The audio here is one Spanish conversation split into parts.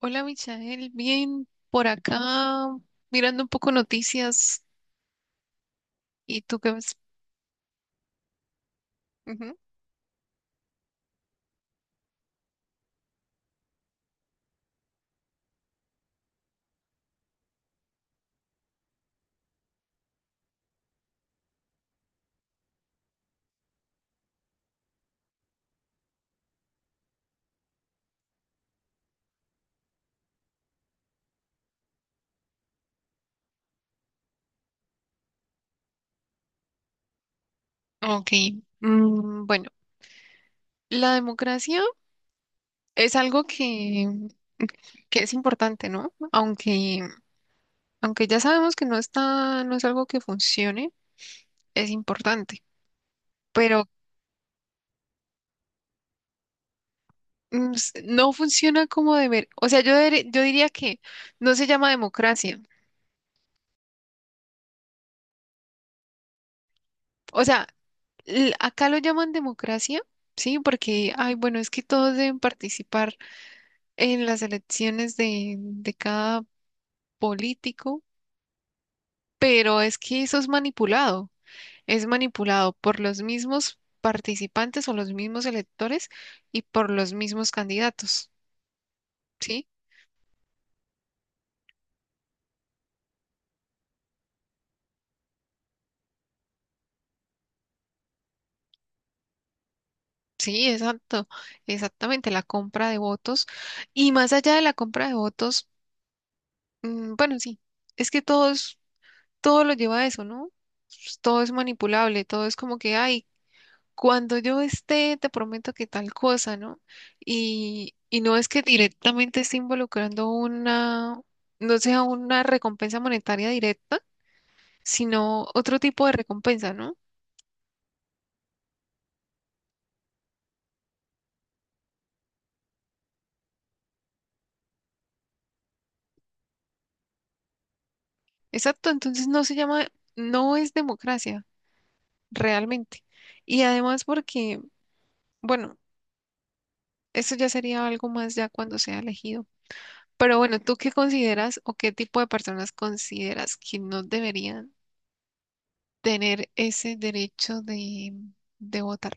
Hola, Michael. Bien, por acá mirando un poco noticias. ¿Y tú qué ves? Ujú. Ok. Bueno, la democracia es algo que es importante, ¿no? Aunque ya sabemos que no no es algo que funcione, es importante. Pero no funciona como deber. O sea, yo diría que no se llama democracia. O sea, acá lo llaman democracia, ¿sí? Porque, ay, bueno, es que todos deben participar en las elecciones de cada político, pero es que eso es manipulado por los mismos participantes o los mismos electores y por los mismos candidatos, ¿sí? Sí, exacto, exactamente, la compra de votos. Y más allá de la compra de votos, bueno, sí, es que todo lo lleva a eso, ¿no? Pues todo es manipulable, todo es como que, ay, cuando yo esté, te prometo que tal cosa, ¿no? Y no es que directamente esté involucrando no sea una recompensa monetaria directa, sino otro tipo de recompensa, ¿no? Exacto, entonces no se no es democracia, realmente. Y además porque, bueno, eso ya sería algo más ya cuando sea elegido. Pero bueno, ¿tú qué consideras o qué tipo de personas consideras que no deberían tener ese derecho de votar?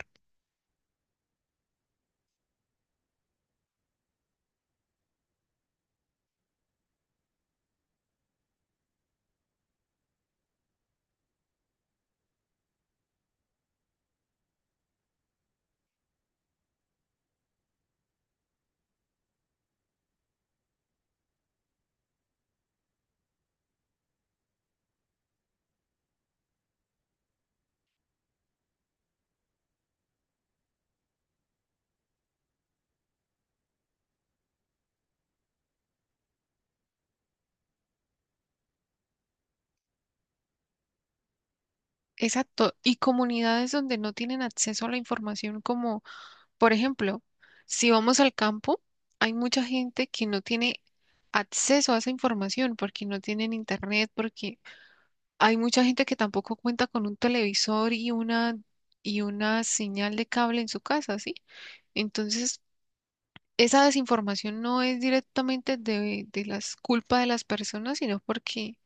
Exacto, y comunidades donde no tienen acceso a la información, como por ejemplo, si vamos al campo, hay mucha gente que no tiene acceso a esa información porque no tienen internet, porque hay mucha gente que tampoco cuenta con un televisor y una señal de cable en su casa, ¿sí? Entonces, esa desinformación no es directamente de las culpa de las personas, sino porque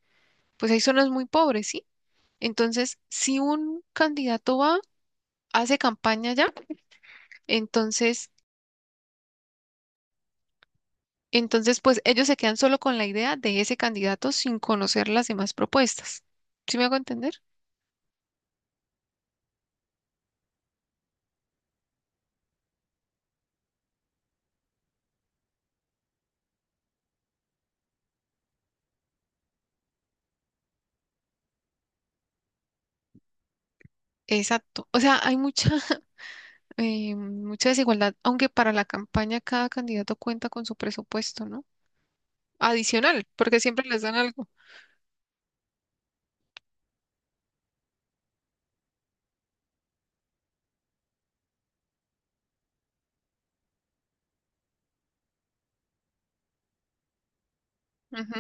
pues hay zonas muy pobres, ¿sí? Entonces, si un candidato va hace campaña ya, entonces, entonces pues ellos se quedan solo con la idea de ese candidato sin conocer las demás propuestas. ¿Sí me hago entender? Exacto. O sea, mucha desigualdad, aunque para la campaña cada candidato cuenta con su presupuesto, ¿no? Adicional, porque siempre les dan algo. Ujú,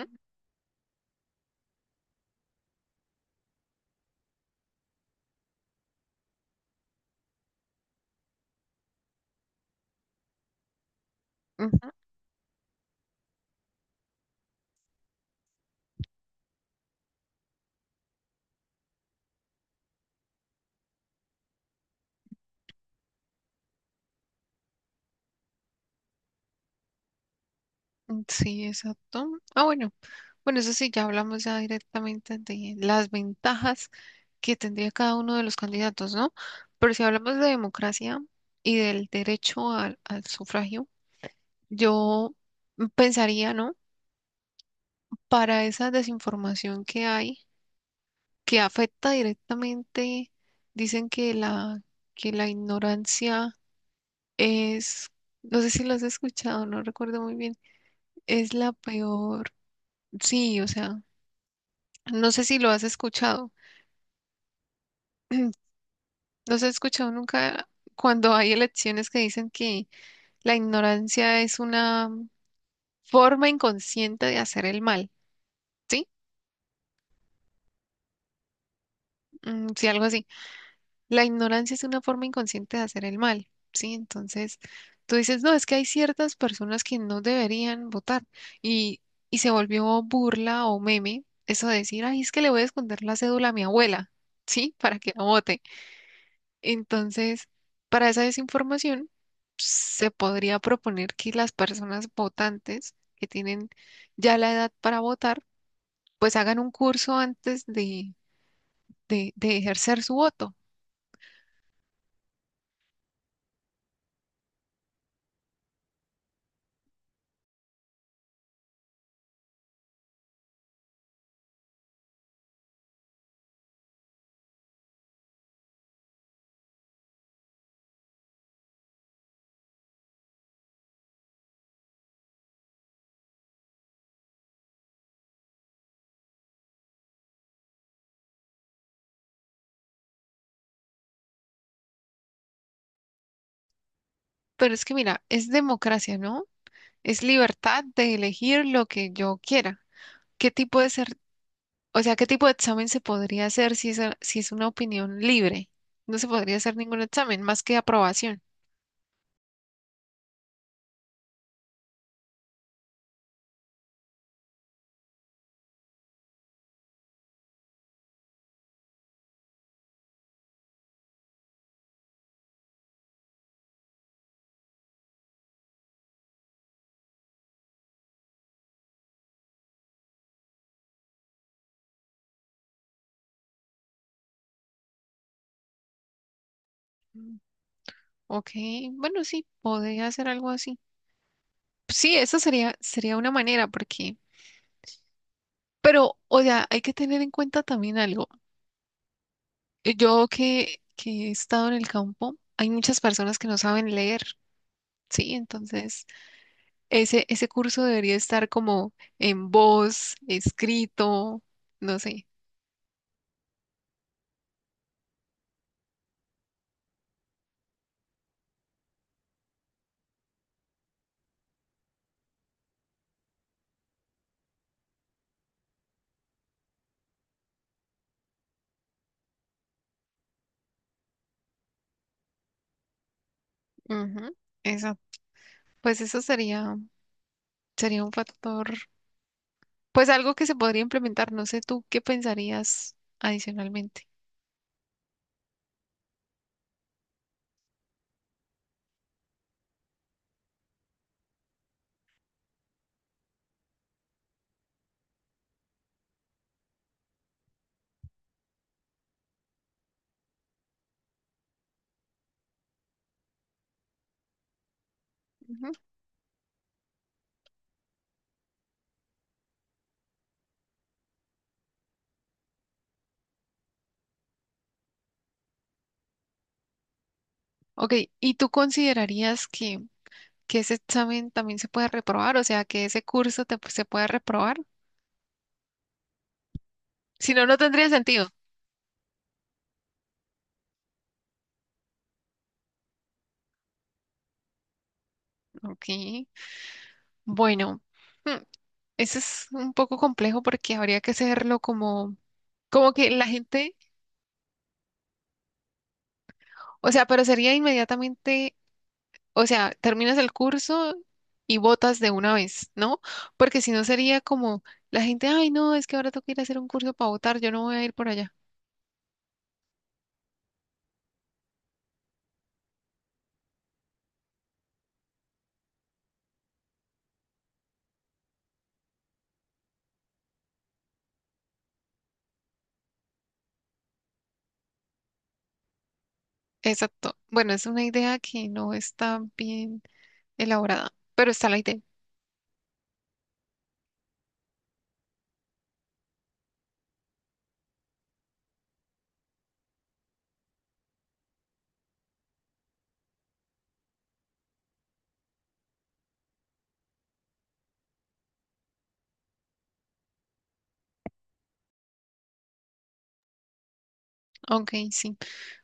ujú. Sí, exacto. Ah, bueno. Bueno, eso sí, ya hablamos ya directamente de las ventajas que tendría cada uno de los candidatos, ¿no? Pero si hablamos de democracia y del derecho al sufragio, yo pensaría, ¿no? Para esa desinformación que hay, que afecta directamente, dicen que que la ignorancia es, no sé si lo has escuchado, no recuerdo muy bien, es la peor, sí, o sea, no sé si lo has escuchado, no se ha escuchado nunca cuando hay elecciones que dicen que la ignorancia es una forma inconsciente de hacer el mal, ¿sí? Sí, algo así. La ignorancia es una forma inconsciente de hacer el mal, ¿sí? Entonces, tú dices, no, es que hay ciertas personas que no deberían votar y, y se volvió burla o meme eso de decir, ay, es que le voy a esconder la cédula a mi abuela, ¿sí? Para que no vote. Entonces, para esa desinformación, se podría proponer que las personas votantes que tienen ya la edad para votar, pues hagan un curso antes de ejercer su voto. Pero es que mira, es democracia, ¿no? Es libertad de elegir lo que yo quiera. ¿Qué tipo de ser, o sea, ¿qué tipo de examen se podría hacer si si es una opinión libre? No se podría hacer ningún examen más que aprobación. Mm, Ok, bueno, sí, podría hacer algo así. Sí, eso sería una manera, porque, pero, o sea, hay que tener en cuenta también algo. Yo que he estado en el campo, hay muchas personas que no saben leer, ¿sí? Entonces, ese curso debería estar como en voz, escrito, no sé. Ujú. Eso, pues eso sería un factor, pues algo que se podría implementar. No sé tú qué pensarías adicionalmente. Ujú. Ok, ¿y tú considerarías que ese examen también se puede reprobar? O sea, que ese se puede reprobar. Si no, no tendría sentido. Ok. Bueno, hmm, eso es un poco complejo porque habría que hacerlo como, como que la gente, o sea, pero sería inmediatamente, o sea, terminas el curso y votas de una vez, ¿no? Porque si no sería como la gente, ay, no, es que ahora tengo que ir a hacer un curso para votar, yo no voy a ir por allá. Exacto. Bueno, es una idea que no está bien elaborada, pero está la idea. Ok, sí.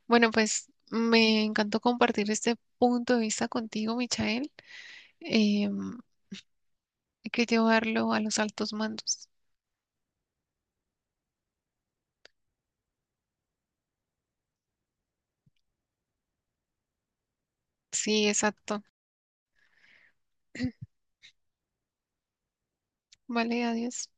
Bueno, pues me encantó compartir este punto de vista contigo, Michael. Em, Hay que llevarlo a los altos mandos. Sí, exacto. Vale, adiós.